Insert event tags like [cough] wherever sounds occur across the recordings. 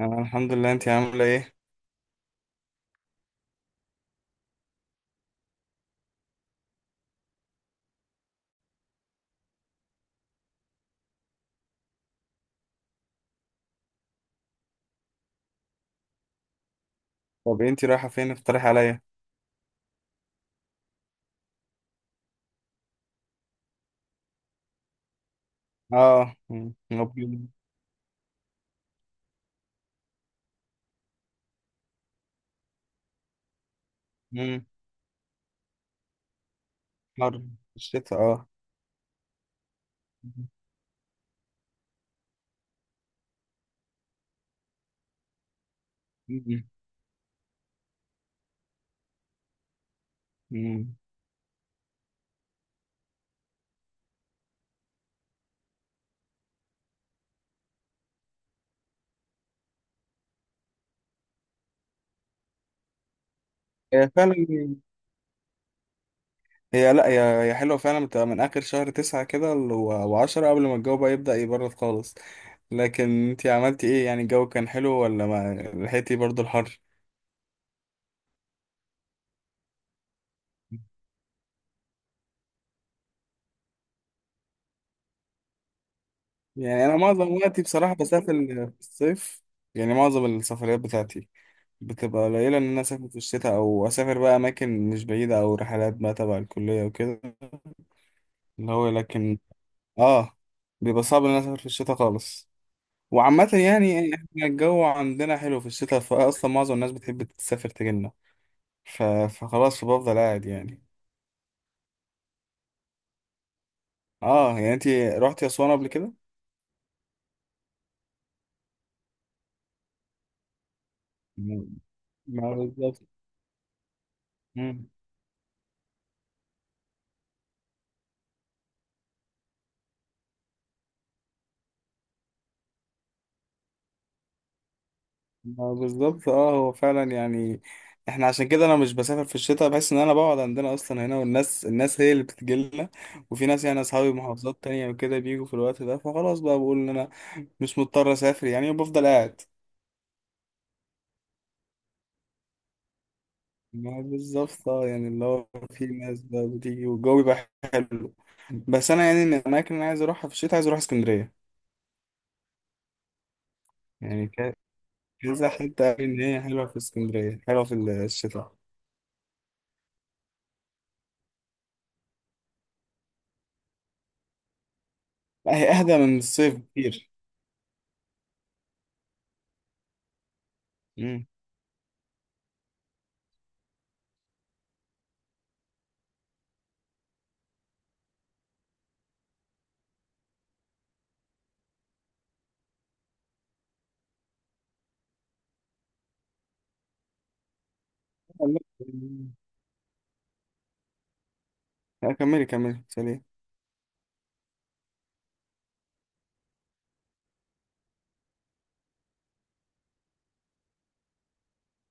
انا الحمد لله. انت عامله ايه؟ طب انت رايحه فين؟ اقترح عليا. اه، مم. مم. حر. الشتاء، اه. مم. مم. هي فعلا. لا، هي حلوه فعلا، بتبقى من اخر شهر تسعة كده وعشرة، قبل ما الجو بقى يبدأ يبرد خالص. لكن انت عملتي ايه؟ يعني الجو كان حلو ولا ما لحقتي برضو الحر؟ يعني انا معظم وقتي بصراحه بسافر في الصيف، يعني معظم السفريات بتاعتي بتبقى قليلة إن أنا أسافر في الشتاء، أو أسافر بقى أماكن مش بعيدة أو رحلات بقى تبع الكلية وكده، اللي هو لكن آه بيبقى صعب إن أنا أسافر في الشتاء خالص. وعامة يعني إحنا الجو عندنا حلو في الشتاء، فأصلا معظم الناس بتحب تسافر تجيلنا، فخلاص فبفضل قاعد يعني. آه، يعني أنتي روحتي أسوان قبل كده؟ ما ما بالظبط. ما بالظبط، اه، هو فعلا يعني احنا عشان كده انا مش بسافر في الشتاء، بحس ان انا بقعد عندنا اصلا هنا، والناس هي اللي بتجيلنا. وفي ناس يعني اصحابي محافظات تانية وكده بيجوا في الوقت ده، فخلاص بقى بقول ان انا مش مضطر اسافر يعني، وبفضل قاعد. ما بالظبط، اه يعني اللي هو في ناس بقى بتيجي والجو بيبقى حلو. بس انا يعني من الاماكن اللي أنا عايز اروحها في الشتاء، عايز اروح اسكندرية. يعني كذا حتة قال ان هي حلوة في اسكندرية، حلوة في الشتاء. لا، هي اهدى من الصيف كتير. مم. [laughs] لا، كملي كملي سليم.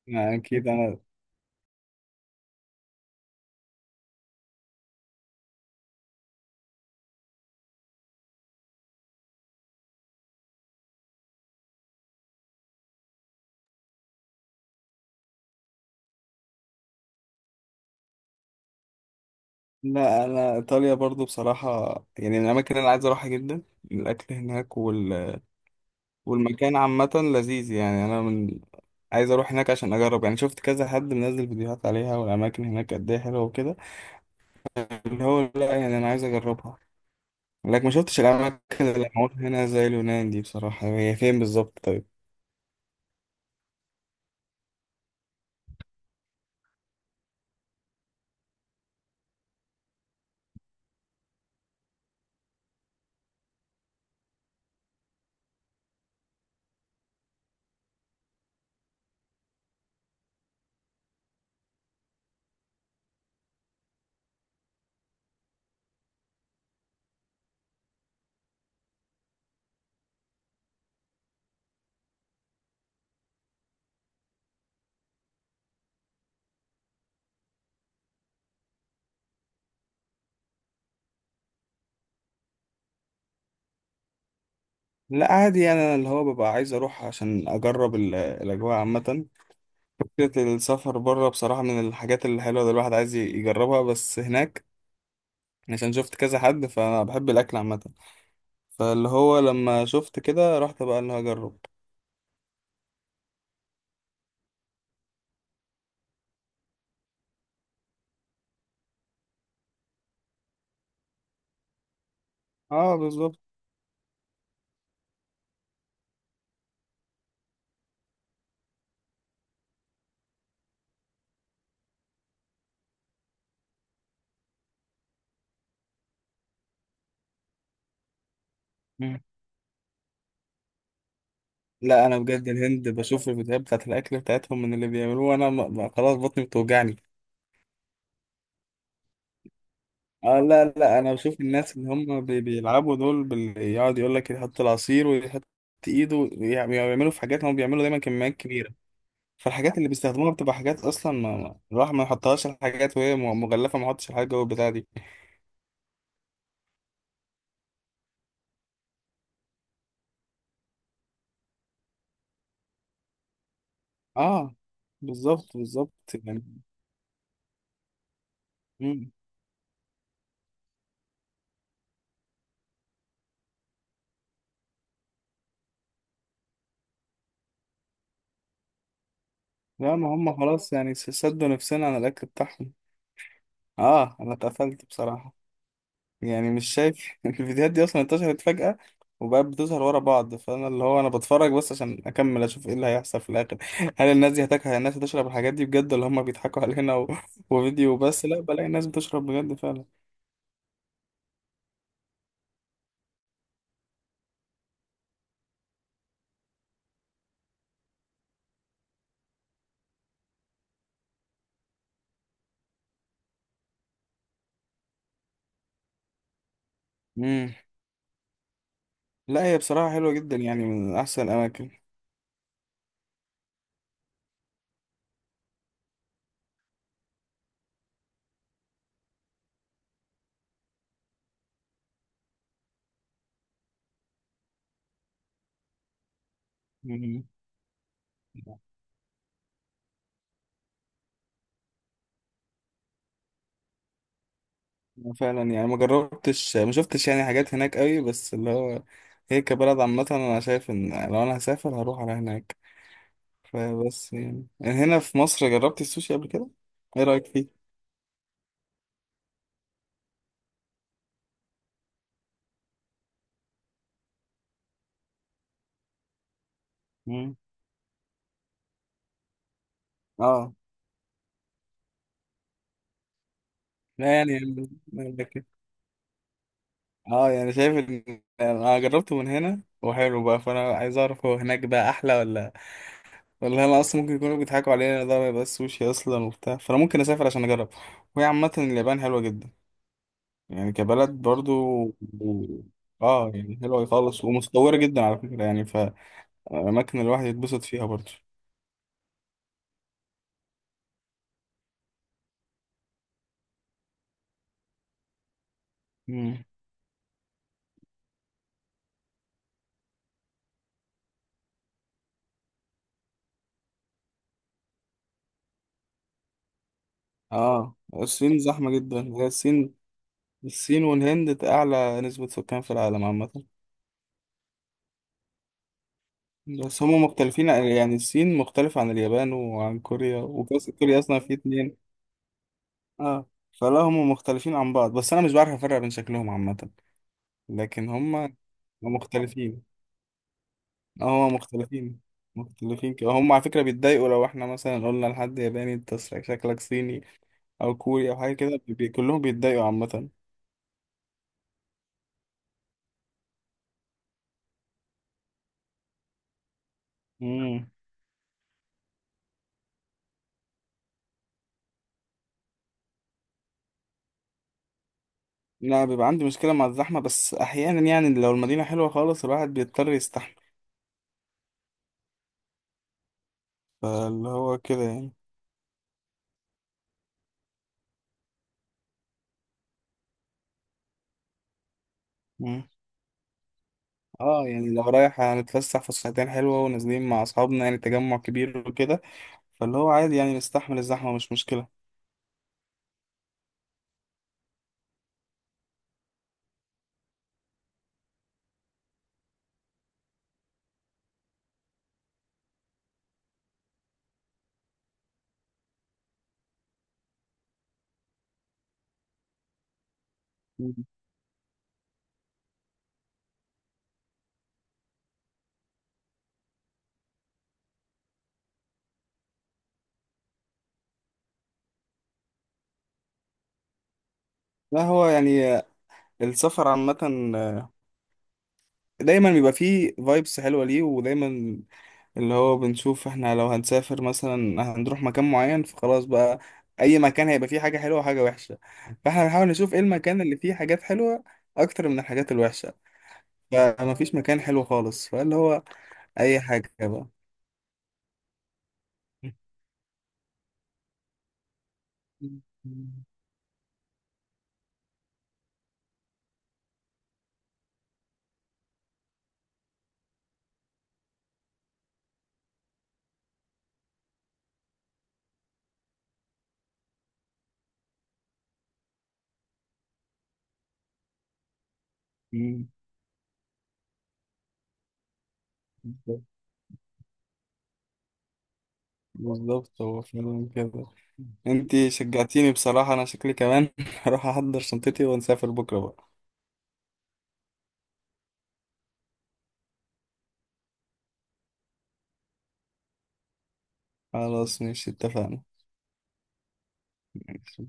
ما اكيد انا. لا، انا ايطاليا برضو بصراحه، يعني من الاماكن اللي انا عايز اروحها جدا. الاكل هناك والمكان عامه لذيذ، يعني انا عايز اروح هناك عشان اجرب. يعني شفت كذا حد منزل فيديوهات عليها، والاماكن هناك قد ايه حلوه وكده، اللي هو لا يعني انا عايز اجربها. لكن ما شفتش الاماكن اللي معموله هنا زي اليونان دي بصراحه. هي فين بالظبط طيب؟ لا عادي يعني انا اللي هو ببقى عايز اروح عشان اجرب الاجواء عامه. فكرة السفر بره بصراحة من الحاجات الحلوة اللي الواحد عايز يجربها. بس هناك عشان شفت كذا حد فأنا بحب الأكل عامة، فاللي هو لما شفت كده رحت بقى اللي هجرب. اه بالظبط. مم. لا أنا بجد الهند بشوف الفيديوهات بتاعت الأكل بتاعتهم من اللي بيعملوه أنا خلاص بطني بتوجعني. اه لا لا، أنا بشوف الناس اللي هم بيلعبوا دول يقعد يقول لك يحط العصير ويحط إيده ويعملوا في حاجات، هم بيعملوا دايما كميات كبيرة. فالحاجات اللي بيستخدموها بتبقى حاجات اصلا ما الواحد ما يحطهاش، الحاجات وهي مغلفه ما يحطش الحاجات جوه البتاع دي. اه بالظبط بالظبط يعني. مم. لا، ما هم خلاص يعني سدوا نفسنا على الاكل بتاعهم. اه انا اتقفلت بصراحه. يعني مش شايف [laughs] الفيديوهات دي اصلا انتشرت فجاه، وبقت بتظهر ورا بعض، فانا اللي هو انا بتفرج بس عشان اكمل اشوف ايه اللي هيحصل في الاخر. [laughs] هل الناس دي هتاكل؟ هل الناس هتشرب الحاجات دي بجد ولا هم بيضحكوا علينا [laughs] وفيديو بس؟ لا بلاقي الناس بتشرب بجد فعلا. مم. لا، هي بصراحة حلوة جدا، يعني من أحسن الأماكن. مم. فعلا يعني ما جربتش ما شفتش يعني حاجات هناك قوي. بس اللي هو هي كبلد عامة أنا شايف إن لو أنا هسافر هروح على هناك. فبس يعني هنا في مصر جربت السوشي قبل كده. إيه رأيك فيه؟ مم. آه. لا يعني لكن- آه، يعني شايف إن أنا جربته من هنا وحلو بقى، فأنا عايز أعرف هو هناك بقى أحلى ولا. والله انا اصلا ممكن يكونوا بيضحكوا علينا، ده ما يبقاش سوشي اصلا وبتاع، فانا ممكن اسافر عشان اجرب. وهي عامه اليابان حلوه جدا. يعني كبلد برضو و- اه يعني حلوه خالص ومتطوره جدا على فكره يعني، فاماكن الواحد يتبسط فيها برضو. مم. اه الصين زحمه جدا، هي الصين. الصين والهند اعلى نسبه سكان في العالم عامه. بس هم مختلفين، يعني الصين مختلفه عن اليابان وعن كوريا، وكوريا اصلا في اتنين. اه. فلا هم مختلفين عن بعض، بس انا مش بعرف افرق بين شكلهم عامه. لكن هم مختلفين. اه هم مختلفين، مختلفين كده، هم على فكرة بيتضايقوا لو احنا مثلا قلنا لحد ياباني انت شكلك صيني او كوري او حاجة كده كلهم بيتضايقوا عامة. امم. لا بيبقى عندي مشكلة مع الزحمة، بس أحيانا يعني لو المدينة حلوة خالص الواحد بيضطر يستحمل، فاللي هو كده يعني. مم. اه يعني لو رايح هنتفسح فسحتين حلوة ونازلين مع أصحابنا يعني تجمع كبير وكده، فاللي هو عادي يعني نستحمل الزحمة مش مشكلة. مم. لا هو يعني السفر عامة دايما بيبقى فيه فايبس حلوة ليه، ودايما اللي هو بنشوف احنا لو هنسافر مثلا هنروح مكان معين، فخلاص بقى اي مكان هيبقى فيه حاجة حلوة وحاجة وحشة، فاحنا بنحاول نشوف ايه المكان اللي فيه حاجات حلوة اكتر من الحاجات الوحشة، فمفيش مكان حلو خالص، فاللي هو اي حاجة بقى. مم. بالظبط، بالظبط، هو فعلا كده. انتي شجعتيني بصراحة، انا شكلي كمان [laughs] هروح احضر شنطتي ونسافر بكرة بقى. خلاص ماشي، اتفقنا. ماشي.